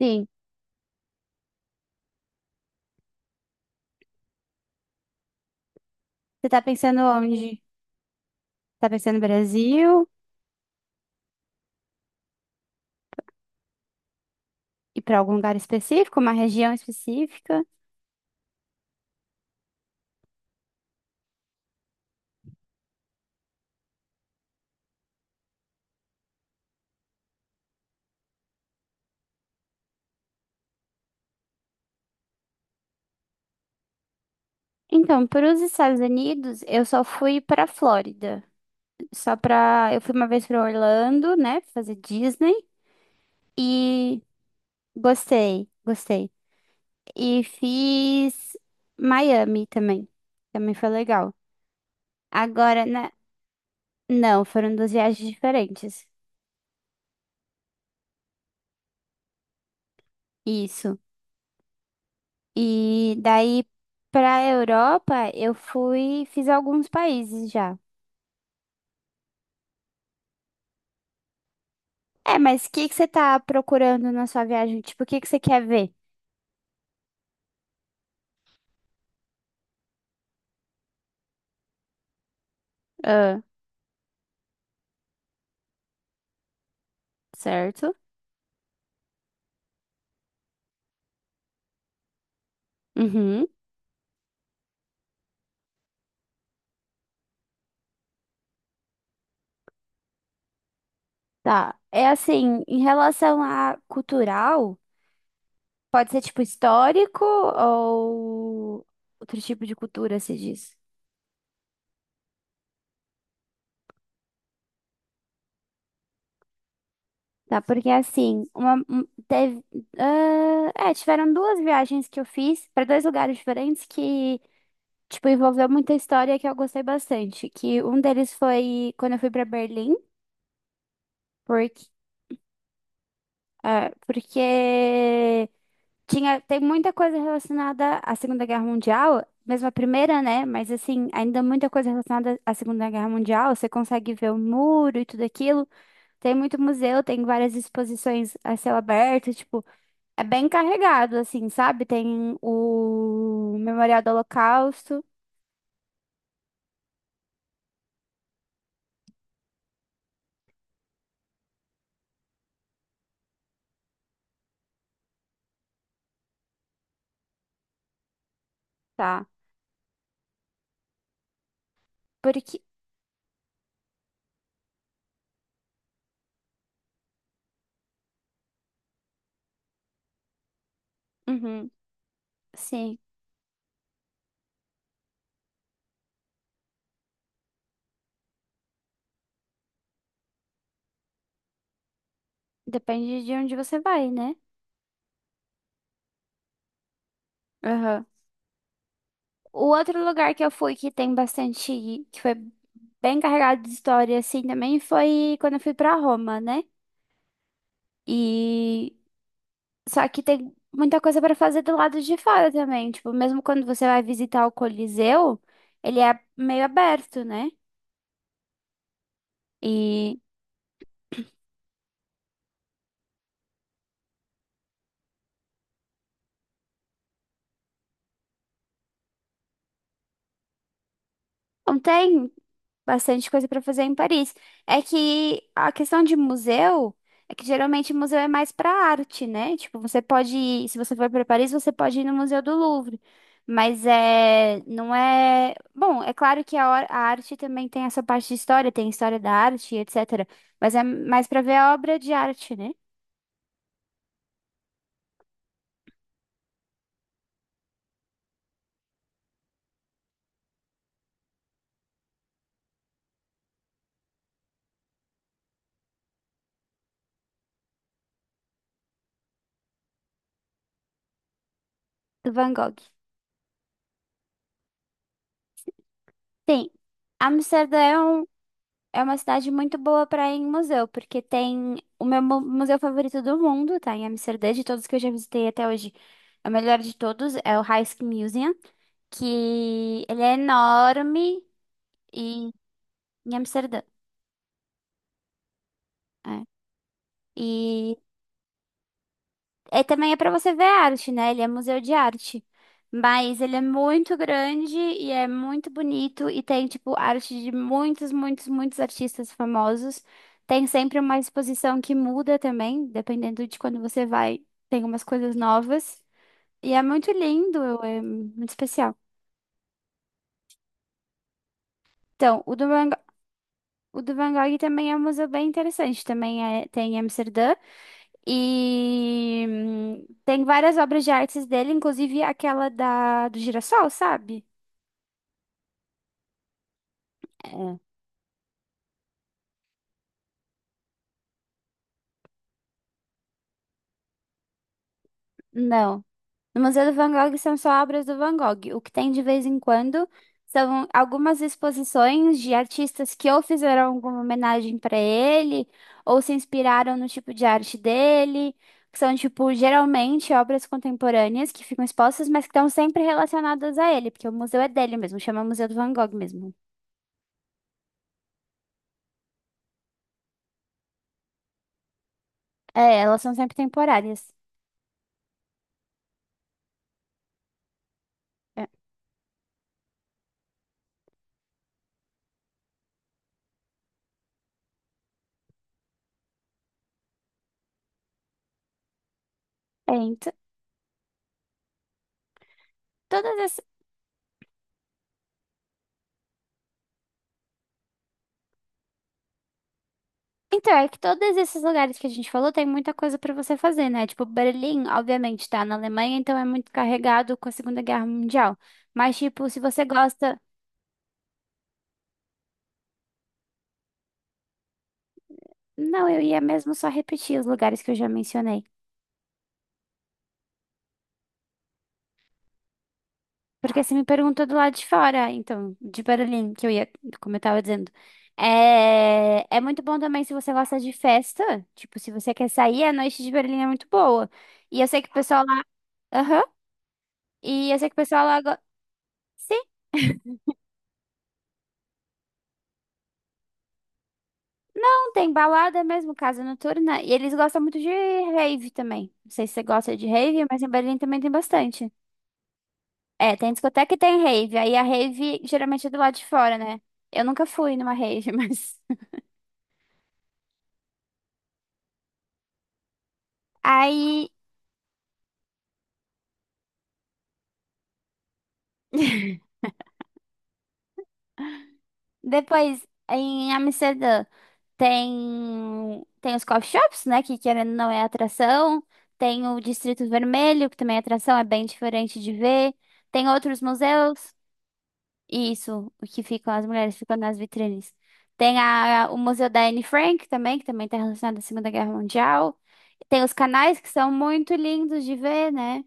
Sim. Você tá pensando onde? Tá pensando no Brasil? E para algum lugar específico, uma região específica? Então, para os Estados Unidos, eu só fui para Flórida. Só para, eu fui uma vez para Orlando, né, fazer Disney e gostei, gostei. E fiz Miami também. Também foi legal. Agora, na... não, foram duas viagens diferentes. Isso. E daí pra Europa eu fui, fiz alguns países já. É, mas o que que você tá procurando na sua viagem? Tipo, o que que você quer ver? Ah, certo. Uhum. Tá. É assim, em relação a cultural, pode ser tipo histórico ou outro tipo de cultura, se diz. Tá, porque assim, uma, um- teve, tiveram duas viagens que eu fiz para dois lugares diferentes que tipo, envolveu muita história que eu gostei bastante. Que um deles foi quando eu fui pra Berlim, porque, porque tinha, tem muita coisa relacionada à Segunda Guerra Mundial, mesmo a primeira, né? Mas assim, ainda muita coisa relacionada à Segunda Guerra Mundial. Você consegue ver o muro e tudo aquilo. Tem muito museu, tem várias exposições a céu aberto, tipo, é bem carregado, assim, sabe? Tem o Memorial do Holocausto, tá? Porque. Uhum, sim. Depende de onde você vai, né? Aham. O outro lugar que eu fui que tem bastante, que foi bem carregado de história assim também foi quando eu fui pra Roma, né? E só que tem muita coisa pra fazer do lado de fora também, tipo, mesmo quando você vai visitar o Coliseu, ele é meio aberto, né? E não, tem bastante coisa para fazer em Paris. É que a questão de museu é que geralmente museu é mais para arte, né? Tipo, você pode ir, se você for para Paris, você pode ir no Museu do Louvre. Mas é, não é. Bom, é claro que a, hor- a arte também tem essa parte de história, tem história da arte, etc. Mas é mais para ver a obra de arte, né? Do Van Gogh. Tem. Amsterdã é uma cidade muito boa para ir em museu, porque tem o meu mu- museu favorito do mundo, tá? Em Amsterdã, de todos que eu já visitei até hoje. É o melhor de todos, é o Rijksmuseum, que ele é enorme e em Amsterdã. É. É, também é para você ver arte, né? Ele é museu de arte. Mas ele é muito grande e é muito bonito e tem, tipo, arte de muitos, muitos, muitos artistas famosos. Tem sempre uma exposição que muda também, dependendo de quando você vai, tem umas coisas novas. E é muito lindo, é muito especial. Então, o do Van, Go- o do Van Gogh também é um museu bem interessante. Também é, tem em Amsterdã. E tem várias obras de artes dele, inclusive aquela da, do girassol, sabe? É. Não. No Museu do Van Gogh são só obras do Van Gogh. O que tem de vez em quando são algumas exposições de artistas que ou fizeram alguma homenagem para ele, ou se inspiraram no tipo de arte dele, que são, tipo, geralmente obras contemporâneas que ficam expostas, mas que estão sempre relacionadas a ele, porque o museu é dele mesmo, chama Museu do Van Gogh mesmo. É, elas são sempre temporárias. É, então, todas ess- então, é que todos esses lugares que a gente falou tem muita coisa pra você fazer, né? Tipo, Berlim, obviamente, tá na Alemanha, então é muito carregado com a Segunda Guerra Mundial. Mas, tipo, se você gosta. Não, eu ia mesmo só repetir os lugares que eu já mencionei. Porque você me perguntou do lado de fora, então, de Berlim, que eu ia, como eu tava dizendo. É, é muito bom também se você gosta de festa. Tipo, se você quer sair, a noite de Berlim é muito boa. E eu sei que o pessoal lá. Aham. E eu sei que o pessoal lá. Go- sim. Tem balada mesmo, casa noturna. E eles gostam muito de rave também. Não sei se você gosta de rave, mas em Berlim também tem bastante. É, tem discoteca e tem rave. Aí a rave geralmente é do lado de fora, né? Eu nunca fui numa rave, mas. Aí depois em Amsterdã tem os coffee shops, né? Que querendo ou não é atração. Tem o Distrito Vermelho, que também é atração, é bem diferente de ver. Tem outros museus. Isso, o que ficam, as mulheres ficam nas vitrines. Tem a, o Museu da Anne Frank também, que também está relacionado à Segunda Guerra Mundial. Tem os canais que são muito lindos de ver, né?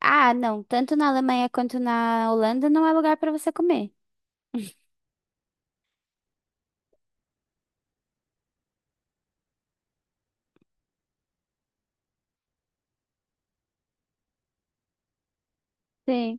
Ah, não, tanto na Alemanha quanto na Holanda não é lugar para você comer. Sim.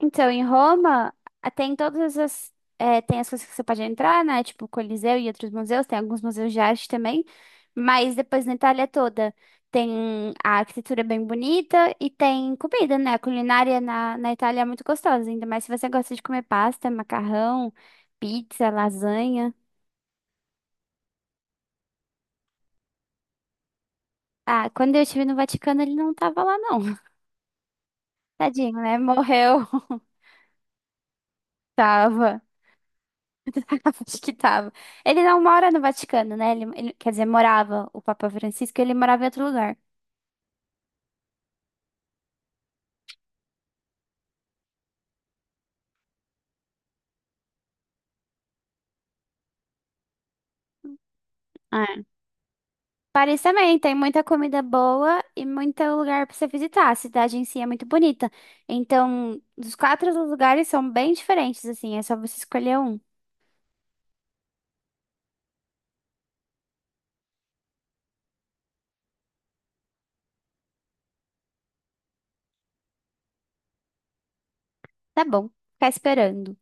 Então, em Roma, ah, tem todas essas. Tem as coisas que você pode entrar, né? Tipo o Coliseu e outros museus. Tem alguns museus de arte também. Mas depois na Itália toda tem a arquitetura bem bonita e tem comida, né? A culinária na, na Itália é muito gostosa, ainda mais se você gosta de comer pasta, macarrão, pizza, lasanha. Ah, quando eu estive no Vaticano, ele não tava lá, não. Tadinho, né? Morreu. Tava. Acho que tava. Ele não mora no Vaticano, né? Ele- quer dizer, morava o Papa Francisco, ele morava em outro lugar. Ah, Paris também tem muita comida boa e muito lugar pra você visitar. A cidade em si é muito bonita. Então, os quatro lugares são bem diferentes, assim. É só você escolher um. Tá bom, ficar esperando.